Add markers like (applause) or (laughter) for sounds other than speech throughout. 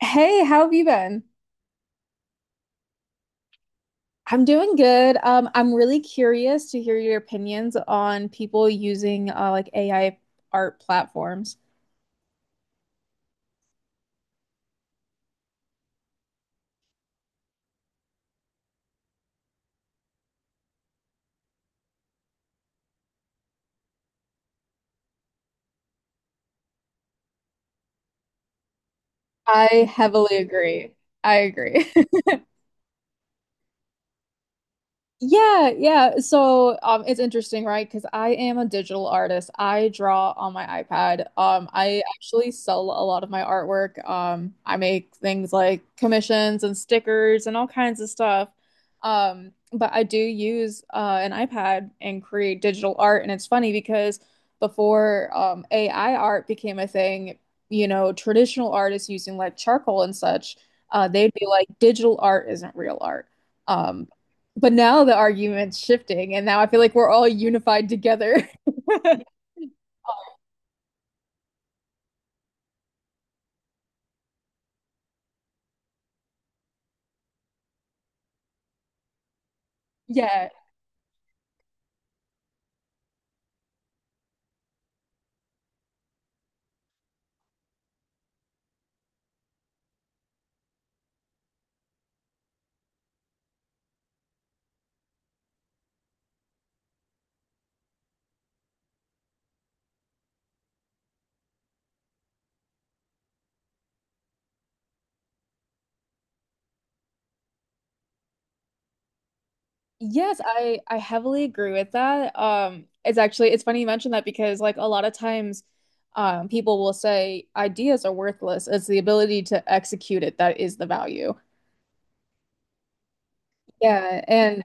Hey, how have you been? I'm doing good. I'm really curious to hear your opinions on people using like AI art platforms. I heavily agree. I agree. (laughs) Yeah. So, it's interesting, right? Because I am a digital artist. I draw on my iPad. I actually sell a lot of my artwork. I make things like commissions and stickers and all kinds of stuff. But I do use an iPad and create digital art, and it's funny because before AI art became a thing, you know, traditional artists using like charcoal and such, they'd be like, digital art isn't real art. Um, but now the argument's shifting, and now I feel like we're all unified together. (laughs) Yeah. Yes, I heavily agree with that. It's actually it's funny you mentioned that because like a lot of times, people will say ideas are worthless. It's the ability to execute it that is the value. Yeah, and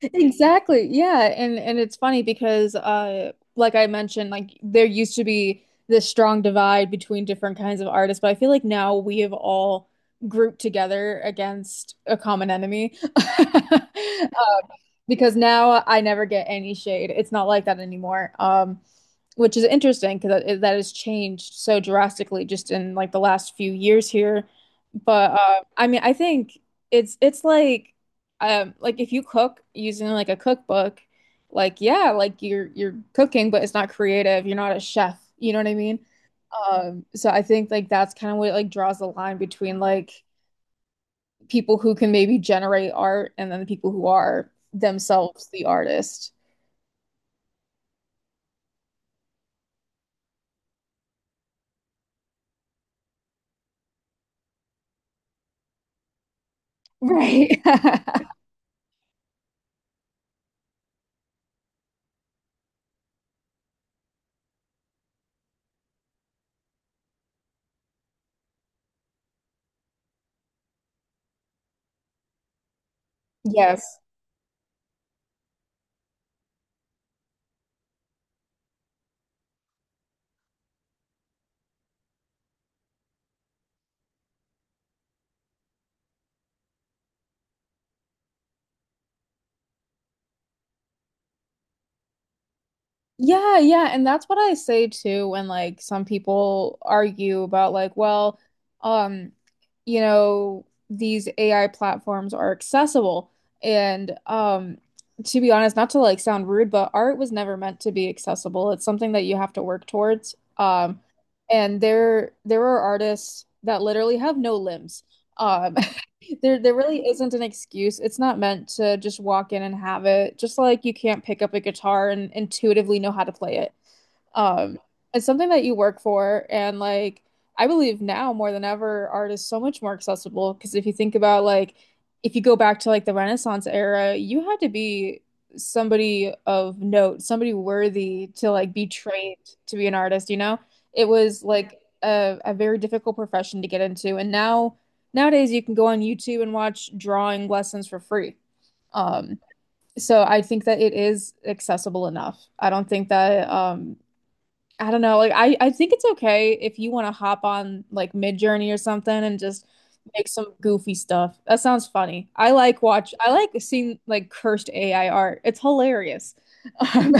Exactly. Yeah. And it's funny because like I mentioned, like there used to be this strong divide between different kinds of artists, but I feel like now we have all grouped together against a common enemy. (laughs) Because now I never get any shade. It's not like that anymore. Which is interesting because that has changed so drastically just in like the last few years here. But I mean, I think it's like if you cook using like a cookbook, like yeah, like you're cooking, but it's not creative. You're not a chef. You know what I mean? So I think like that's kind of what like draws the line between like people who can maybe generate art and then the people who are themselves the artist. Right. (laughs) Yes. Yeah, yeah, and that's what I say too when like some people argue about like, well, um, you know, these AI platforms are accessible. And to be honest, not to like sound rude, but art was never meant to be accessible. It's something that you have to work towards. And there are artists that literally have no limbs. Um (laughs) there really isn't an excuse. It's not meant to just walk in and have it. Just like you can't pick up a guitar and intuitively know how to play it. Um, it's something that you work for, and like I believe now more than ever, art is so much more accessible. Because if you think about like if you go back to like the Renaissance era, you had to be somebody of note, somebody worthy to like be trained to be an artist, you know? It was like a very difficult profession to get into, and now nowadays you can go on YouTube and watch drawing lessons for free. Um, so I think that it is accessible enough. I don't think that I don't know. Like I think it's okay if you want to hop on like Midjourney or something and just make some goofy stuff. That sounds funny. I like seeing like cursed AI art. It's hilarious. Um,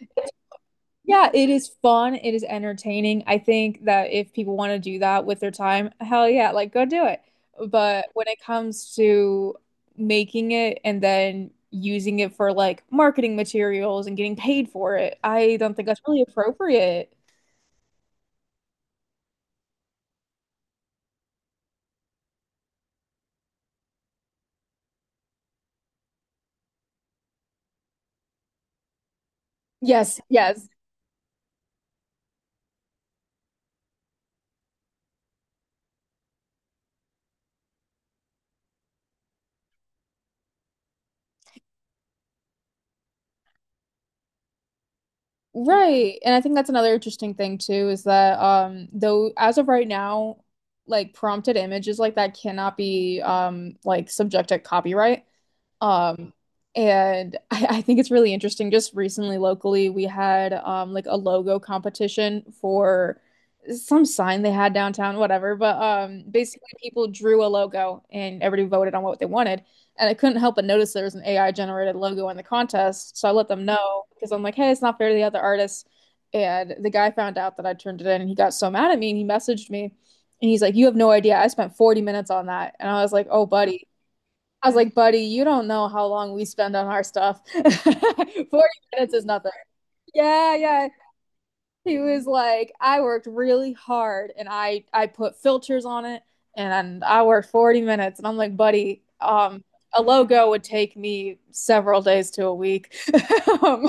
(laughs) yeah, it is fun. It is entertaining. I think that if people want to do that with their time, hell yeah, like go do it. But when it comes to making it and then using it for like marketing materials and getting paid for it, I don't think that's really appropriate. Yes, yes. Right. And I think that's another interesting thing too is that though as of right now, like prompted images like that cannot be like subject to copyright. Um, and (laughs) I think it's really interesting. Just recently, locally, we had like a logo competition for some sign they had downtown, whatever. But basically people drew a logo and everybody voted on what they wanted. And I couldn't help but notice there was an AI generated logo in the contest. So I let them know because I'm like, hey, it's not fair to the other artists. And the guy found out that I turned it in and he got so mad at me and he messaged me and he's like, you have no idea. I spent 40 minutes on that. And I was like, oh, buddy, I was like, buddy, you don't know how long we spend on our stuff. (laughs) 40 minutes is nothing. Yeah, yeah. He was like, I worked really hard and I put filters on it and I worked 40 minutes. And I'm like, buddy, a logo would take me several days to a week. (laughs) Um,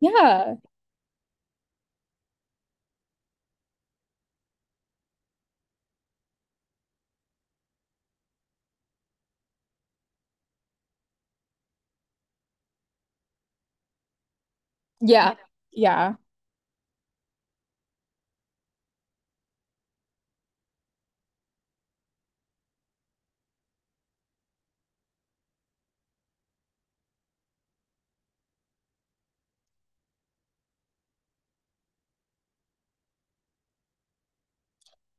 yeah. Yeah. Yeah.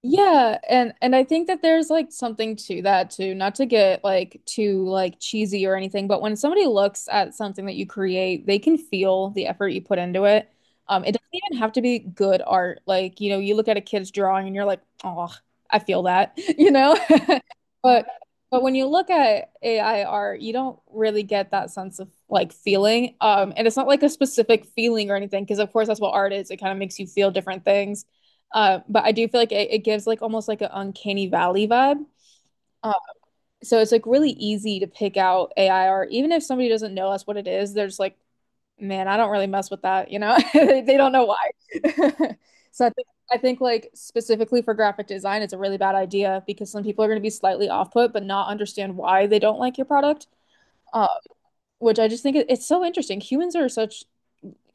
Yeah, and I think that there's like something to that too, not to get like too like cheesy or anything, but when somebody looks at something that you create, they can feel the effort you put into it. It doesn't even have to be good art. Like, you know, you look at a kid's drawing and you're like, "Oh, I feel that," (laughs) you know? But but when you look at AI art, you don't really get that sense of like feeling. And it's not like a specific feeling or anything, because of course that's what art is. It kind of makes you feel different things. But I do feel like it gives like almost like an uncanny valley vibe. Uh, so it's like really easy to pick out AI art, even if somebody doesn't know us what it is. There's like man, I don't really mess with that, you know? (laughs) They don't know why. (laughs) So I think like specifically for graphic design, it's a really bad idea because some people are going to be slightly off put but not understand why they don't like your product. Uh, which I just think it's so interesting. Humans are such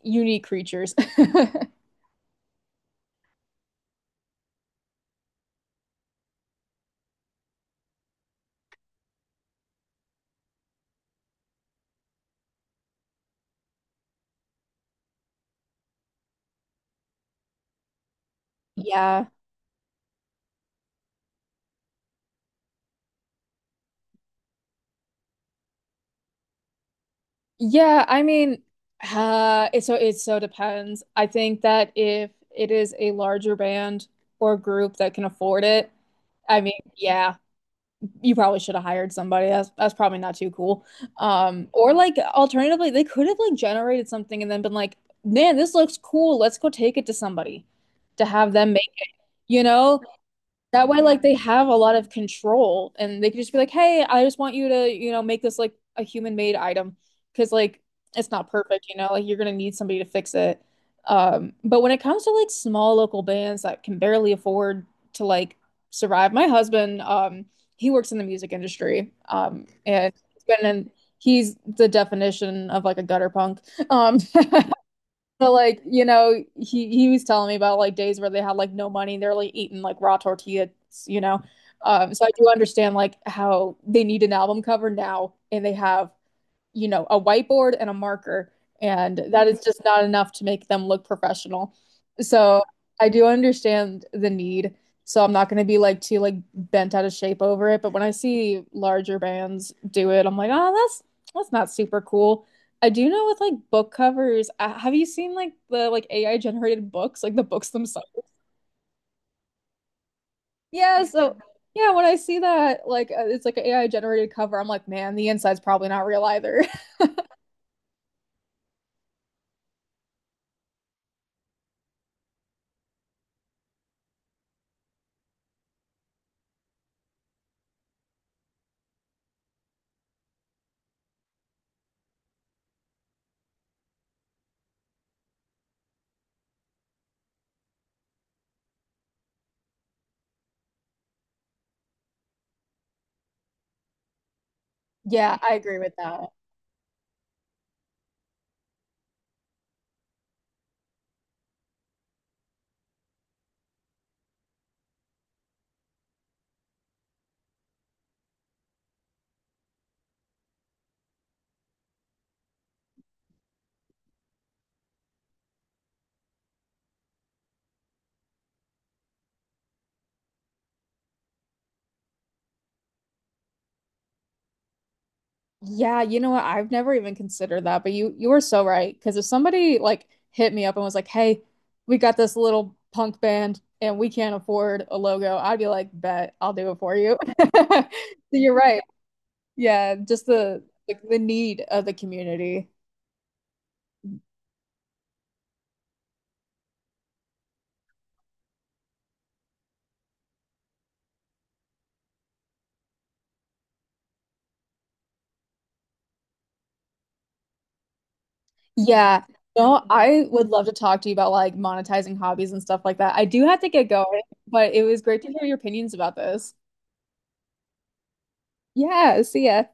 unique creatures. (laughs) Yeah. Yeah, I mean, it so it depends. I think that if it is a larger band or group that can afford it, I mean, yeah, you probably should have hired somebody. That's probably not too cool. Or like alternatively, they could have like generated something and then been like, man, this looks cool. Let's go take it to somebody to have them make, you know, that way, like they have a lot of control and they can just be like, hey, I just want you to, you know, make this like a human made item because like it's not perfect, you know, like you're gonna need somebody to fix it. But when it comes to like small local bands that can barely afford to like survive, my husband, he works in the music industry. And he's the definition of like a gutter punk. Um, (laughs) So like, you know, he was telling me about like days where they had like no money and they're like eating like raw tortillas, you know. So I do understand like how they need an album cover now and they have you know, a whiteboard and a marker, and that is just not enough to make them look professional. So I do understand the need. So I'm not going to be like too like bent out of shape over it, but when I see larger bands do it, I'm like, "Oh, that's not super cool." I do know with like book covers, have you seen like the like AI generated books, like the books themselves? Yeah, so yeah, when I see that like it's like an AI generated cover, I'm like, "Man, the inside's probably not real either." (laughs) Yeah, I agree with that. Yeah, you know what? I've never even considered that, but you were so right. Because if somebody like hit me up and was like, "Hey, we got this little punk band and we can't afford a logo," I'd be like, "Bet I'll do it for you." (laughs) So you're right. Yeah, just the like the need of the community. Yeah. No, I would love to talk to you about like monetizing hobbies and stuff like that. I do have to get going, but it was great to hear your opinions about this. Yeah, see ya.